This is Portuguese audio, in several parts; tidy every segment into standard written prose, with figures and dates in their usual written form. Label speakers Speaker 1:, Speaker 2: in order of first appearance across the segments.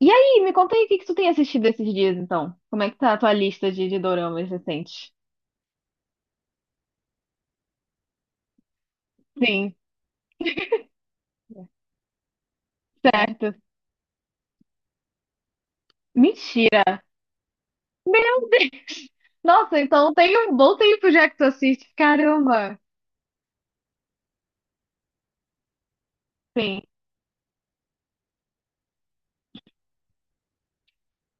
Speaker 1: E aí, me conta aí o que que tu tem assistido esses dias, então? Como é que tá a tua lista de doramas recentes? Sim, certo. Mentira. Meu Deus! Nossa, então tem um bom tempo já que tu assiste. Caramba! Sim,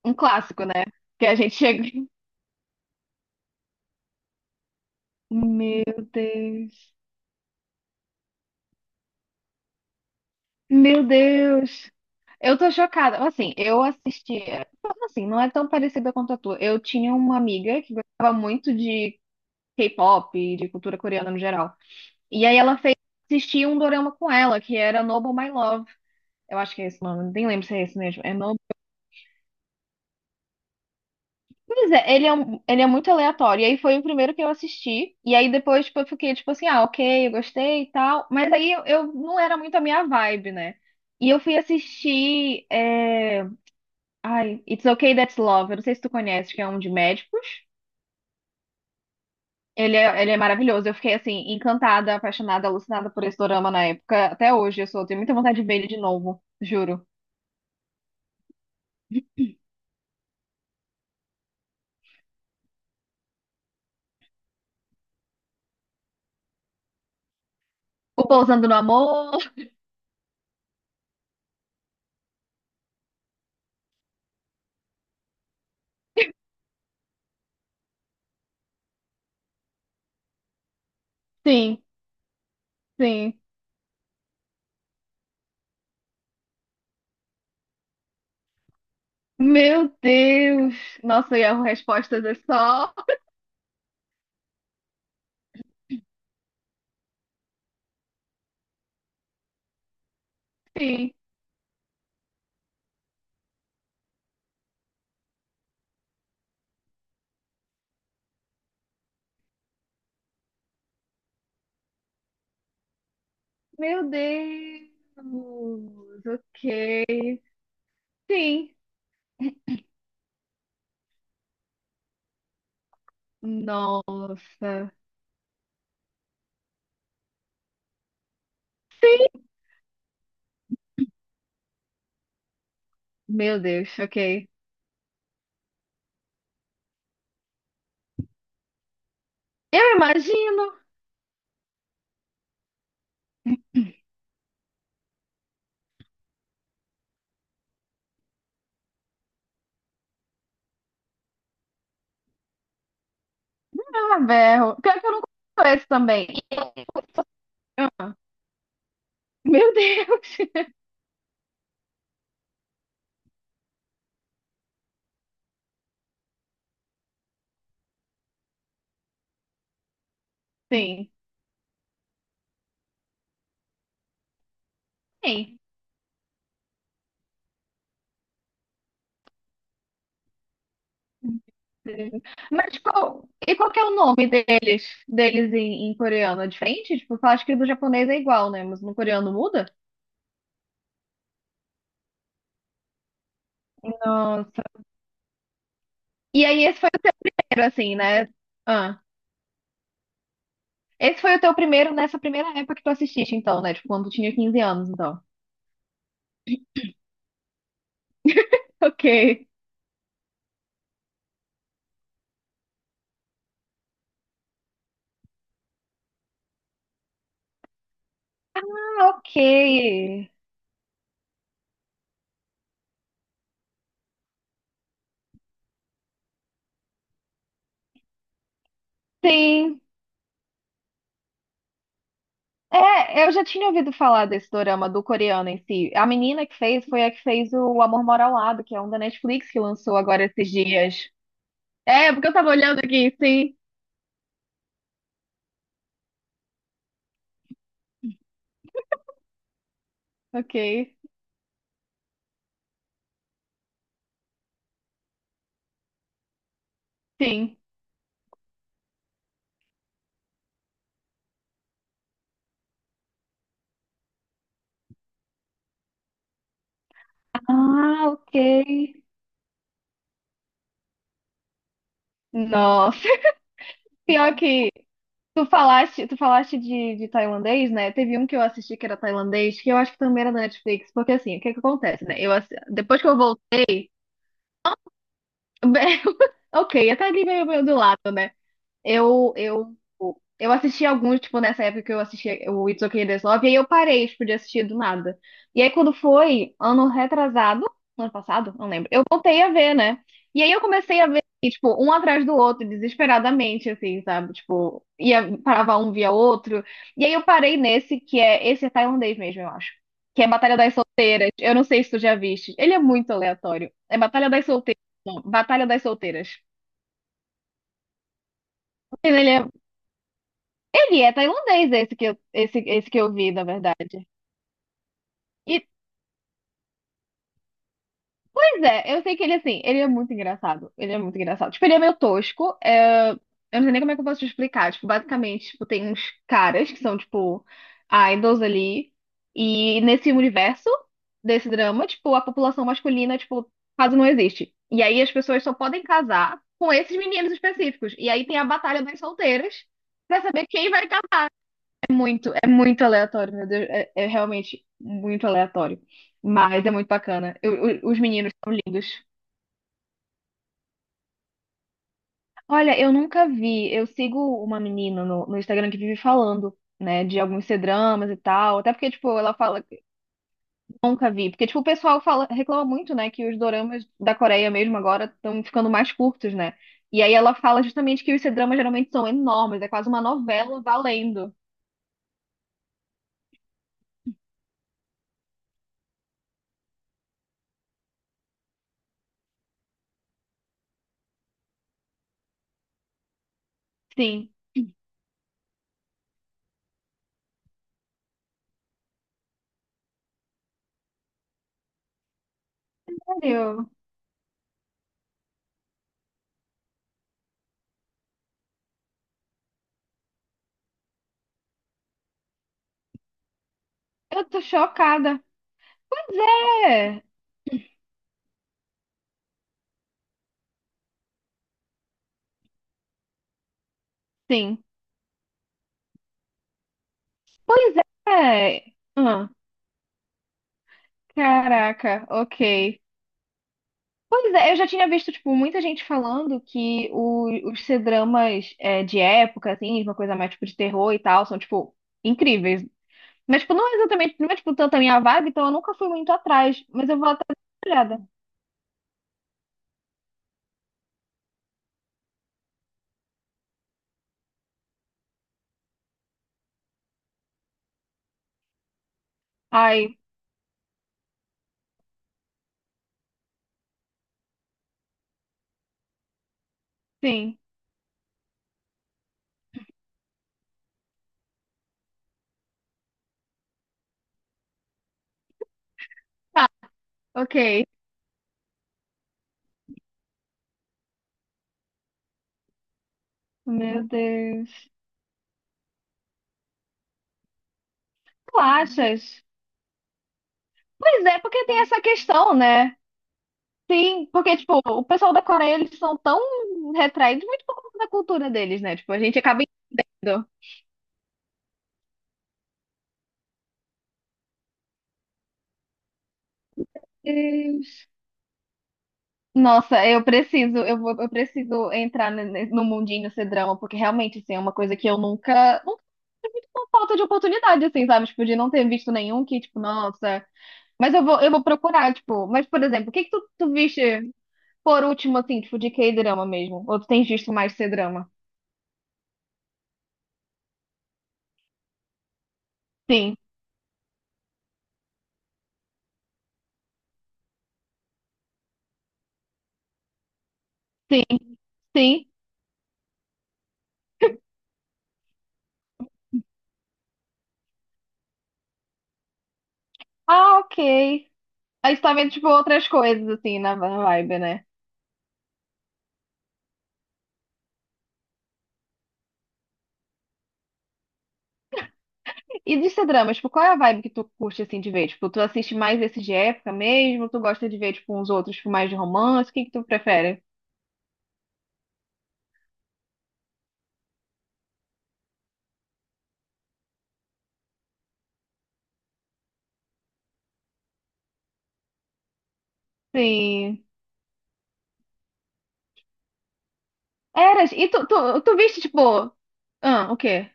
Speaker 1: um clássico, né? Que a gente chega. Meu Deus! Meu Deus! Eu tô chocada. Assim, eu assistia. Assim, não é tão parecida quanto a tua. Eu tinha uma amiga que gostava muito de K-pop e de cultura coreana no geral. E aí ela fez assistir um dorama com ela, que era Noble My Love. Eu acho que é esse nome, nem lembro se é esse mesmo. É Noble. Pois é, ele é muito aleatório. E aí foi o primeiro que eu assisti. E aí depois, tipo, eu fiquei tipo assim, ah, ok, eu gostei e tal. Mas aí eu não era muito a minha vibe, né? E eu fui assistir. Ai, It's Okay That's Love. Eu não sei se tu conhece, que é um de médicos. Ele é maravilhoso. Eu fiquei assim, encantada, apaixonada, alucinada por esse dorama na época. Até hoje, tenho muita vontade de ver ele de novo, juro. O Pousando no Amor? Sim, sim. Meu Deus! Nossa, e a respostas é só sim. Meu Deus! Ok. Sim. Nossa. Sim. Meu Deus, ok. Eu imagino. Ah, berro. Pior que eu não conheço esse também. Ah, meu Deus! Sim. Sim. E qual que é o nome deles, em coreano? É diferente? Tipo, eu acho que do japonês é igual, né? Mas no coreano muda? Nossa. E aí esse foi o primeiro, assim, né? Ah, esse foi o teu primeiro nessa primeira época que tu assististe, então, né? Tipo, quando tu tinha 15 anos, então. Ok. Ah, ok. Sim. É, eu já tinha ouvido falar desse dorama do coreano em si. A menina que fez foi a que fez o Amor Mora ao Lado, que é um da Netflix que lançou agora esses dias. É, porque eu tava olhando aqui, sim. Ok. Sim. Ah, ok. Nossa, pior que tu falaste de tailandês, né? Teve um que eu assisti que era tailandês, que eu acho que também era da Netflix, porque assim, o que que acontece, né? Depois que eu voltei, ok, até ali meio, meio do lado, né? Eu, eu, eu assisti alguns, tipo, nessa época que eu assisti o It's Okay There's Love, e aí eu parei, tipo, de assistir do nada. E aí quando foi, ano retrasado, ano passado, não lembro, eu voltei a ver, né? E aí eu comecei a ver, e, tipo, um atrás do outro, desesperadamente, assim, sabe? Tipo, ia, parava um, via outro. E aí eu parei nesse, que é, esse é tailandês mesmo, eu acho. Que é Batalha das Solteiras. Eu não sei se tu já viste. Ele é muito aleatório. É Batalha das Solteiras. Não, Batalha das Solteiras. Ele é tailandês, esse que eu, esse que eu vi, na verdade. E, pois é, eu sei que ele, assim, ele é muito engraçado. Ele é muito engraçado. Tipo, ele é meio tosco. Eu não sei nem como é que eu posso te explicar. Tipo, basicamente, tipo, tem uns caras que são, tipo, idols ali. E nesse universo desse drama, tipo, a população masculina, tipo, quase não existe. E aí as pessoas só podem casar com esses meninos específicos. E aí tem a batalha das solteiras pra saber quem vai. Muito, é muito aleatório, meu Deus. É realmente muito aleatório. Mas é muito bacana. Os meninos são lindos. Olha, eu nunca vi. Eu sigo uma menina no, no Instagram que vive falando, né, de alguns C-dramas e tal. Até porque, tipo, ela fala que nunca vi. Porque, tipo, o pessoal fala, reclama muito, né, que os doramas da Coreia mesmo agora estão ficando mais curtos, né? E aí ela fala justamente que os C-dramas geralmente são enormes. É quase uma novela valendo. Sim. Sério? Eu tô chocada. É, sim. Pois é. Ah, caraca, ok. Pois é, eu já tinha visto, tipo, muita gente falando que os C-dramas é, de época, assim, uma coisa mais, tipo, de terror e tal, são, tipo, incríveis. Mas, tipo, não é exatamente, não é, tipo, tanto a minha vibe, então eu nunca fui muito atrás. Mas eu vou até dar uma olhada. Ai, sim. Tá, ok. Meu Deus. Tu achas? Pois é, porque tem essa questão, né? Sim, porque, tipo, o pessoal da Coreia, eles são tão retraídos, muito por conta da cultura deles, né? Tipo, a gente acaba indo. Deus. Nossa, eu preciso, eu vou, eu preciso entrar ne- ne- no mundinho ser drama, porque realmente, assim, é uma coisa que eu nunca, nunca tive muito por falta de oportunidade, assim, sabe? Tipo, de não ter visto nenhum que, tipo, nossa. Mas eu vou procurar, tipo, mas, por exemplo, o que que tu viste por último, assim, tipo, de K-drama mesmo? Ou tu tens visto mais ser drama? Sim, sim, sim. Ah, ok. Aí você tá vendo, tipo, outras coisas, assim, na na vibe, né? E de ser drama, tipo, qual é a vibe que tu curte, assim, de ver? Tipo, tu assiste mais esses de época mesmo? Tu gosta de ver, tipo, uns outros tipo, mais de romance? O que que tu prefere? Sim. Eras, e tu, tu, tu viste, tipo... Ah, o quê?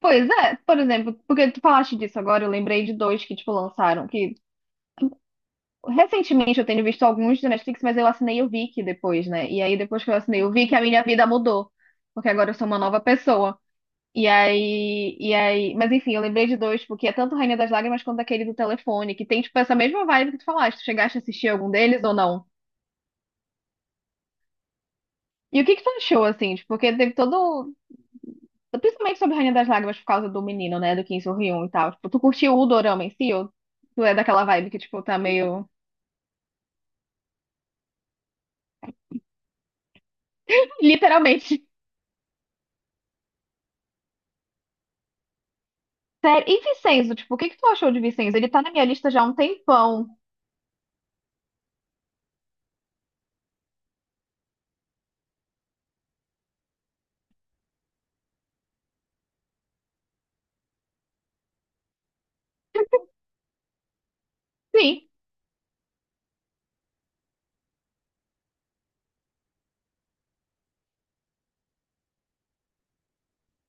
Speaker 1: Pois é, por exemplo, porque tu falaste disso agora, eu lembrei de dois que, tipo, lançaram, que... Recentemente eu tenho visto alguns da Netflix, mas eu assinei o Viki depois, né? E aí, depois que eu assinei o Viki, a minha vida mudou. Porque agora eu sou uma nova pessoa. e aí, mas enfim, eu lembrei de dois, porque é tanto Rainha das Lágrimas quanto aquele do telefone, que tem, tipo, essa mesma vibe que tu falaste. Tu chegaste a assistir algum deles ou não? E o que que tu achou, assim? Tipo, porque teve todo. Principalmente sobre Rainha das Lágrimas por causa do menino, né? Do Kim So-hyun e tal. Tipo, tu curtiu o dorama em si? Ou tu é daquela vibe que, tipo, tá meio. Literalmente. Sério. E Vincenzo, tipo, o que que tu achou de Vincenzo? Ele tá na minha lista já há um tempão. Sim.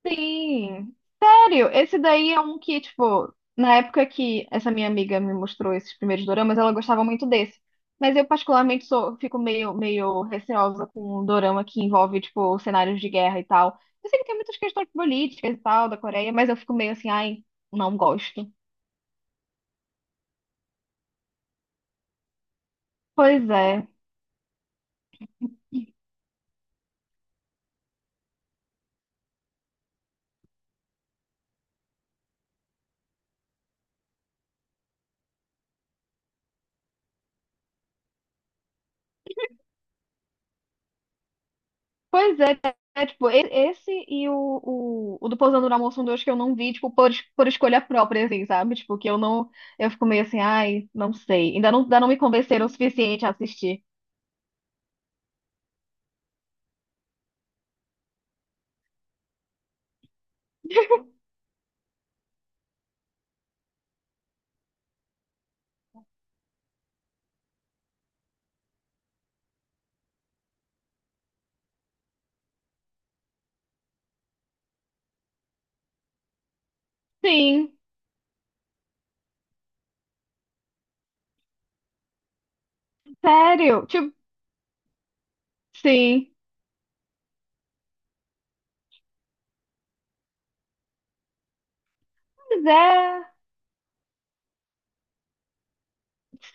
Speaker 1: Sim, sério, esse daí é um que, tipo, na época que essa minha amiga me mostrou esses primeiros doramas, ela gostava muito desse. Mas eu particularmente sou, fico meio, meio receosa com um dorama que envolve, tipo, cenários de guerra e tal. Eu sei que tem muitas questões políticas e tal da Coreia, mas eu fico meio assim, ai, não gosto. Pois é. Pois é, é, tipo, e- esse e o, o do Pousando no Amor são dois que eu não vi, tipo, por, por escolha própria, assim, sabe? Tipo, que eu não, eu fico meio assim, ai, não sei. Ainda não me convenceram o suficiente a assistir. Sim, sério, tipo, sim. Pois é.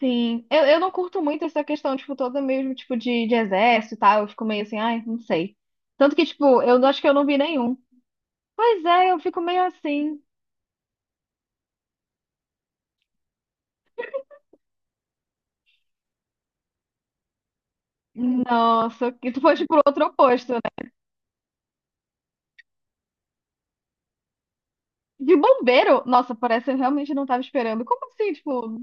Speaker 1: Sim, eu não curto muito essa questão, tipo, toda mesmo, tipo, de exército e tal. Eu fico meio assim, ai, não sei. Tanto que, tipo, eu não- acho que eu não vi nenhum. Pois é, eu fico meio assim. Nossa, que tu foste pro outro oposto, né? De bombeiro, nossa, parece que eu realmente não tava esperando. Como assim, tipo?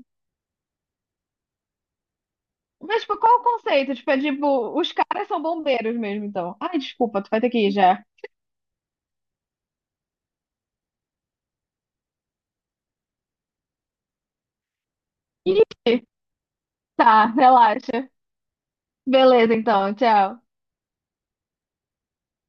Speaker 1: Mas, tipo, qual o conceito? Tipo, é tipo, os caras são bombeiros mesmo, então. Ai, desculpa, tu vai ter que ir já. Ih, tá, relaxa. Beleza, então, tchau.